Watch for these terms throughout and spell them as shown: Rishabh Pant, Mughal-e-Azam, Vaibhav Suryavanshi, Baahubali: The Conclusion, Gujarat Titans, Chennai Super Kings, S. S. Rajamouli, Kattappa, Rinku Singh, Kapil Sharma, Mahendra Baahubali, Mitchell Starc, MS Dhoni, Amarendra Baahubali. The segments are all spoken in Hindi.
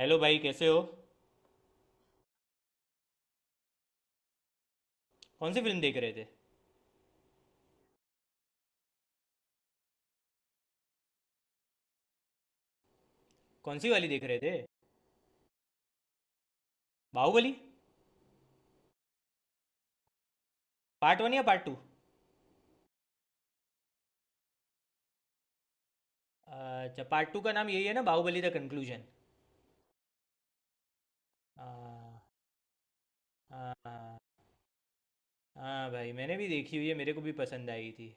हेलो भाई कैसे हो। कौन सी फिल्म देख रहे थे? कौन सी वाली देख रहे थे? बाहुबली। पार्ट वन या पार्ट टू? अच्छा पार्ट टू का नाम यही है ना, बाहुबली द कंक्लूजन? हाँ। हाँ। हाँ। हाँ भाई मैंने भी देखी हुई है, मेरे को भी पसंद आई थी।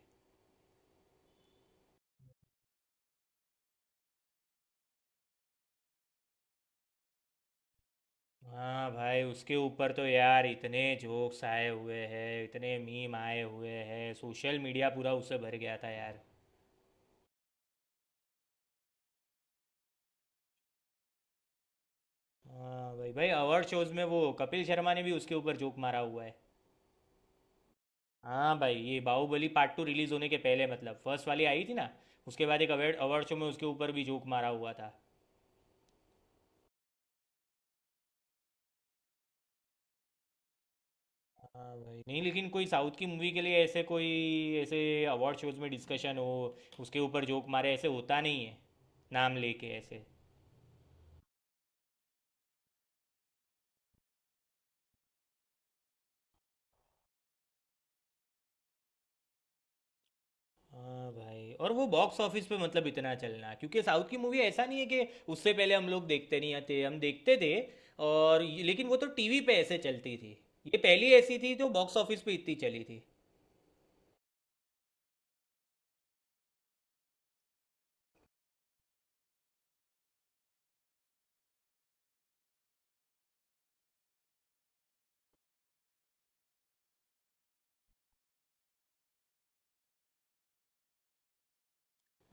हाँ भाई उसके ऊपर तो यार इतने जोक्स आए हुए हैं, इतने मीम आए हुए हैं, सोशल मीडिया पूरा उससे भर गया था यार। हाँ भाई भाई अवार्ड शोज में वो कपिल शर्मा ने भी उसके ऊपर जोक मारा हुआ है। हाँ भाई ये बाहुबली पार्ट टू रिलीज होने के पहले मतलब फर्स्ट वाली आई थी ना। उसके बाद एक अवार्ड अवार्ड शो में उसके ऊपर भी जोक मारा हुआ था। हाँ भाई नहीं, लेकिन कोई साउथ की मूवी के लिए ऐसे कोई ऐसे अवार्ड शोज में डिस्कशन हो, उसके ऊपर जोक मारे ऐसे होता नहीं है, नाम लेके ऐसे। हाँ भाई और वो बॉक्स ऑफिस पे मतलब इतना चलना, क्योंकि साउथ की मूवी ऐसा नहीं है कि उससे पहले हम लोग देखते नहीं, आते हम देखते थे। लेकिन वो तो टीवी पे ऐसे चलती थी। ये पहली ऐसी थी जो बॉक्स ऑफिस पे इतनी चली थी।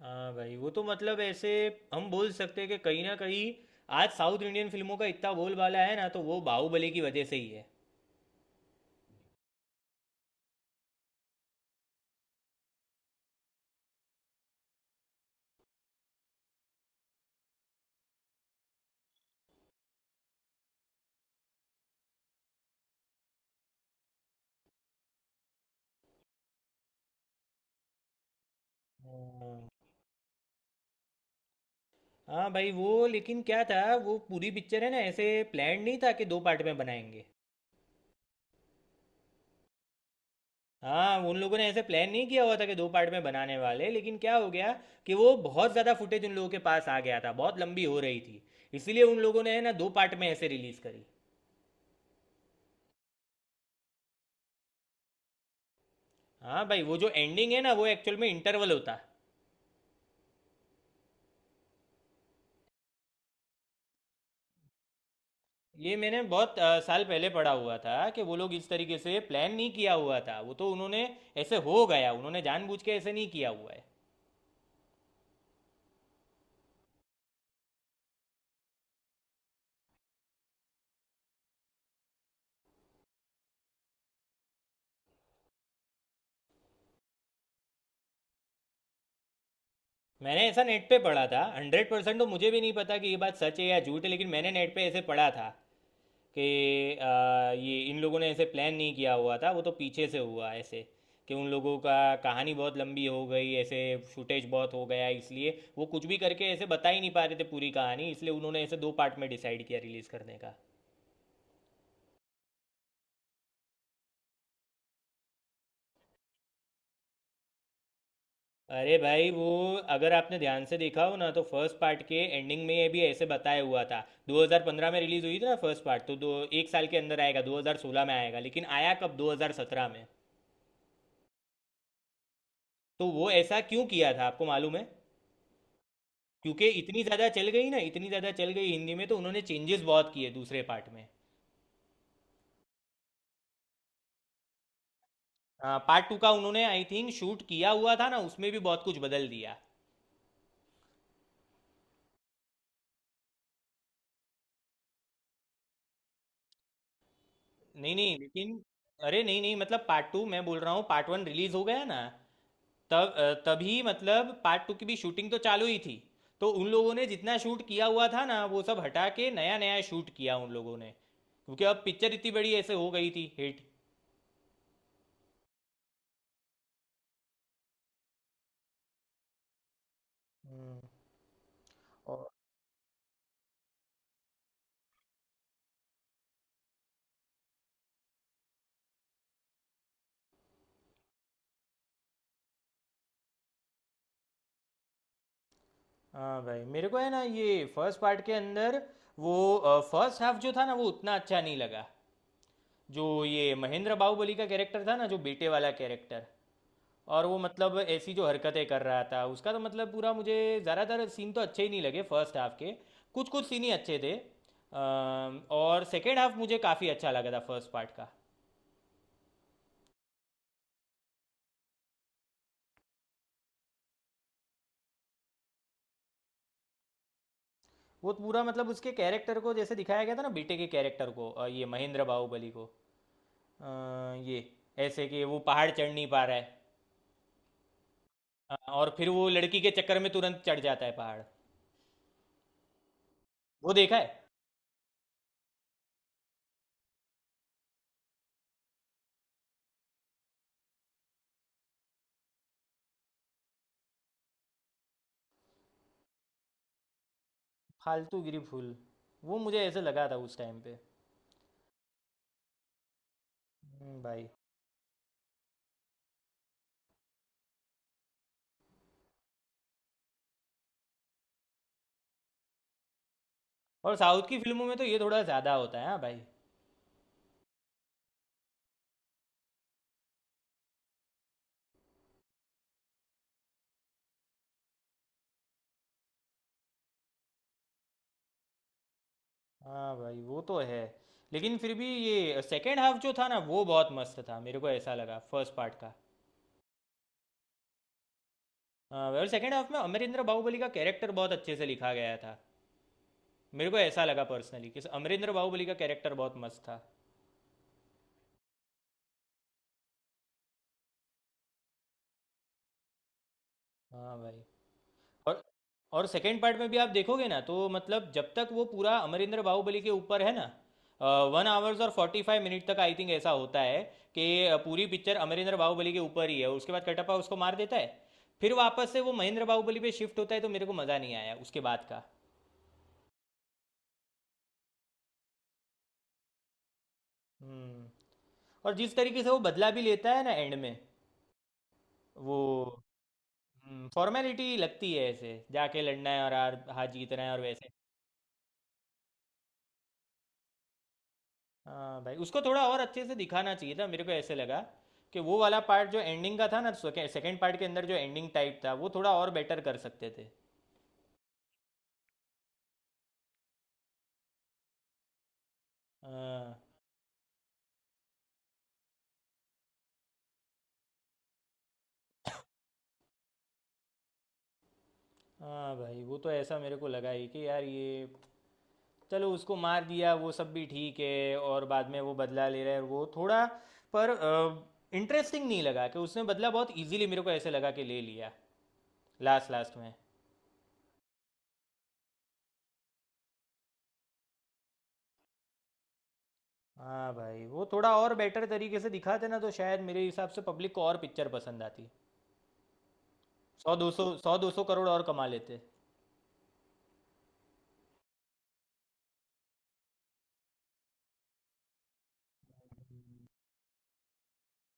हाँ भाई वो तो मतलब ऐसे हम बोल सकते हैं कि कहीं ना कहीं आज साउथ इंडियन फिल्मों का इतना बोलबाला है ना, तो वो बाहुबली की वजह से ही है। हाँ। हाँ भाई वो लेकिन क्या था, वो पूरी पिक्चर है ना ऐसे प्लान नहीं था कि दो पार्ट में बनाएंगे। हाँ उन लोगों ने ऐसे प्लान नहीं किया हुआ था कि दो पार्ट में बनाने वाले, लेकिन क्या हो गया कि वो बहुत ज़्यादा फुटेज उन लोगों के पास आ गया था, बहुत लंबी हो रही थी, इसीलिए उन लोगों ने है ना दो पार्ट में ऐसे रिलीज़ करी। हाँ भाई वो जो एंडिंग है ना वो एक्चुअल में इंटरवल होता है। ये मैंने बहुत साल पहले पढ़ा हुआ था कि वो लोग इस तरीके से प्लान नहीं किया हुआ था, वो तो उन्होंने ऐसे हो गया, उन्होंने जानबूझ के ऐसे नहीं किया हुआ है। मैंने ऐसा नेट पे पढ़ा था 100%, तो मुझे भी नहीं पता कि ये बात सच है या झूठ है, लेकिन मैंने नेट पे ऐसे पढ़ा था कि ये इन लोगों ने ऐसे प्लान नहीं किया हुआ था, वो तो पीछे से हुआ ऐसे कि उन लोगों का कहानी बहुत लंबी हो गई ऐसे, फुटेज बहुत हो गया, इसलिए वो कुछ भी करके ऐसे बता ही नहीं पा रहे थे पूरी कहानी, इसलिए उन्होंने ऐसे दो पार्ट में डिसाइड किया रिलीज़ करने का। अरे भाई वो अगर आपने ध्यान से देखा हो ना, तो फर्स्ट पार्ट के एंडिंग में ये भी ऐसे बताया हुआ था। 2015 में रिलीज हुई थी ना फर्स्ट पार्ट, तो दो एक साल के अंदर आएगा, 2016 में आएगा लेकिन आया कब, 2017 में। तो वो ऐसा क्यों किया था आपको मालूम है? क्योंकि इतनी ज़्यादा चल गई ना, इतनी ज़्यादा चल गई हिंदी में, तो उन्होंने चेंजेस बहुत किए दूसरे पार्ट में। हाँ पार्ट टू का उन्होंने आई थिंक शूट किया हुआ था ना, उसमें भी बहुत कुछ बदल दिया। नहीं नहीं, लेकिन अरे नहीं नहीं मतलब पार्ट टू मैं बोल रहा हूँ, पार्ट वन रिलीज हो गया ना तब तभी मतलब पार्ट टू की भी शूटिंग तो चालू ही थी। तो उन लोगों ने जितना शूट किया हुआ था ना वो सब हटा के नया नया शूट किया उन लोगों ने, क्योंकि अब पिक्चर इतनी बड़ी ऐसे हो गई थी हिट। हम्म। और। हाँ भाई मेरे को है ना ये फर्स्ट पार्ट के अंदर वो फर्स्ट हाफ जो था ना वो उतना अच्छा नहीं लगा। जो ये महेंद्र बाहुबली का कैरेक्टर था ना, जो बेटे वाला कैरेक्टर, और वो मतलब ऐसी जो हरकतें कर रहा था उसका तो मतलब पूरा, मुझे ज़्यादातर सीन तो अच्छे ही नहीं लगे फर्स्ट हाफ के। कुछ कुछ सीन ही अच्छे थे और सेकेंड हाफ मुझे काफ़ी अच्छा लगा था फर्स्ट पार्ट का। वो पूरा मतलब उसके कैरेक्टर को जैसे दिखाया गया था ना बेटे के कैरेक्टर को ये महेंद्र बाहुबली को अ, ये ऐसे कि वो पहाड़ चढ़ नहीं पा रहा है, और फिर वो लड़की के चक्कर में तुरंत चढ़ जाता है पहाड़। वो देखा है फालतूगिरी फूल, वो मुझे ऐसे लगा था उस टाइम पे। भाई। और साउथ की फिल्मों में तो ये थोड़ा ज़्यादा होता है। हाँ भाई। हाँ भाई वो तो है लेकिन फिर भी ये सेकेंड हाफ जो था ना वो बहुत मस्त था, मेरे को ऐसा लगा फर्स्ट पार्ट का। हाँ भाई, और सेकेंड हाफ में अमरेंद्र बाहुबली का कैरेक्टर बहुत अच्छे से लिखा गया था। मेरे को ऐसा लगा पर्सनली कि अमरेंद्र बाहुबली का कैरेक्टर बहुत मस्त था। हाँ भाई और और सेकेंड पार्ट में भी आप देखोगे ना तो मतलब जब तक वो पूरा अमरिंदर बाहुबली के ऊपर है ना, 1 आवर्स और 45 मिनट तक आई थिंक ऐसा होता है कि पूरी पिक्चर अमरिंदर बाहुबली के ऊपर ही है, उसके बाद कटप्पा उसको मार देता है। फिर वापस से वो महेंद्र बाहुबली पे शिफ्ट होता है, तो मेरे को मज़ा नहीं आया उसके बाद का। हम्म। और जिस तरीके से वो बदला भी लेता है ना एंड में, वो फॉर्मेलिटी लगती है, ऐसे जाके लड़ना है और हार हार जीतना है और वैसे। हाँ भाई उसको थोड़ा और अच्छे से दिखाना चाहिए था, मेरे को ऐसे लगा कि वो वाला पार्ट जो एंडिंग का था ना सेकेंड पार्ट के अंदर, जो एंडिंग टाइप था वो थोड़ा और बेटर कर सकते थे। हाँ। हाँ भाई वो तो ऐसा मेरे को लगा ही कि यार ये चलो उसको मार दिया वो सब भी ठीक है, और बाद में वो बदला ले रहा है वो थोड़ा, पर इंटरेस्टिंग नहीं लगा, कि उसने बदला बहुत इजीली मेरे को ऐसे लगा कि ले लिया लास्ट लास्ट में। हाँ भाई वो थोड़ा और बेटर तरीके से दिखाते ना तो शायद मेरे हिसाब से पब्लिक को और पिक्चर पसंद आती। सौ दो सौ करोड़ और कमा लेते।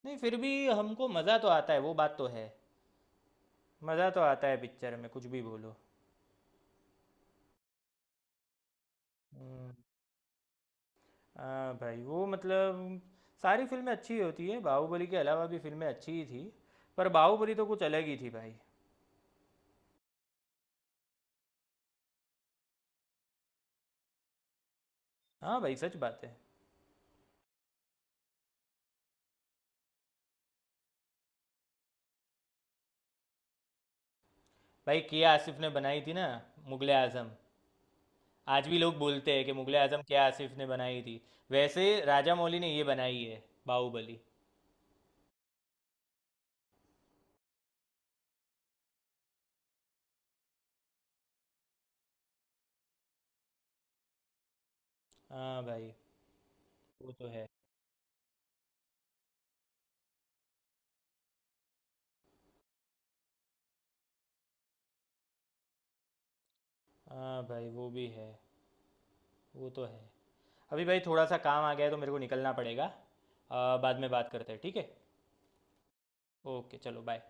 नहीं फिर भी हमको मज़ा तो आता है, वो बात तो है। मज़ा तो आता है पिक्चर में कुछ भी बोलो। हम्म। हाँ भाई वो मतलब सारी फिल्में अच्छी होती है, बाहुबली के अलावा भी फिल्में अच्छी ही थी, पर बाहुबली तो कुछ अलग ही थी भाई। हाँ भाई सच बात है। भाई के आसिफ ने बनाई थी ना मुगल आजम। आज भी लोग बोलते हैं कि मुगल आजम के आसिफ ने बनाई थी। वैसे राजा मौली ने ये बनाई है बाहुबली। हाँ भाई वो तो है। हाँ भाई वो भी है। वो तो है। अभी भाई थोड़ा सा काम आ गया है तो मेरे को निकलना पड़ेगा। बाद में बात करते हैं ठीक है। ओके चलो बाय।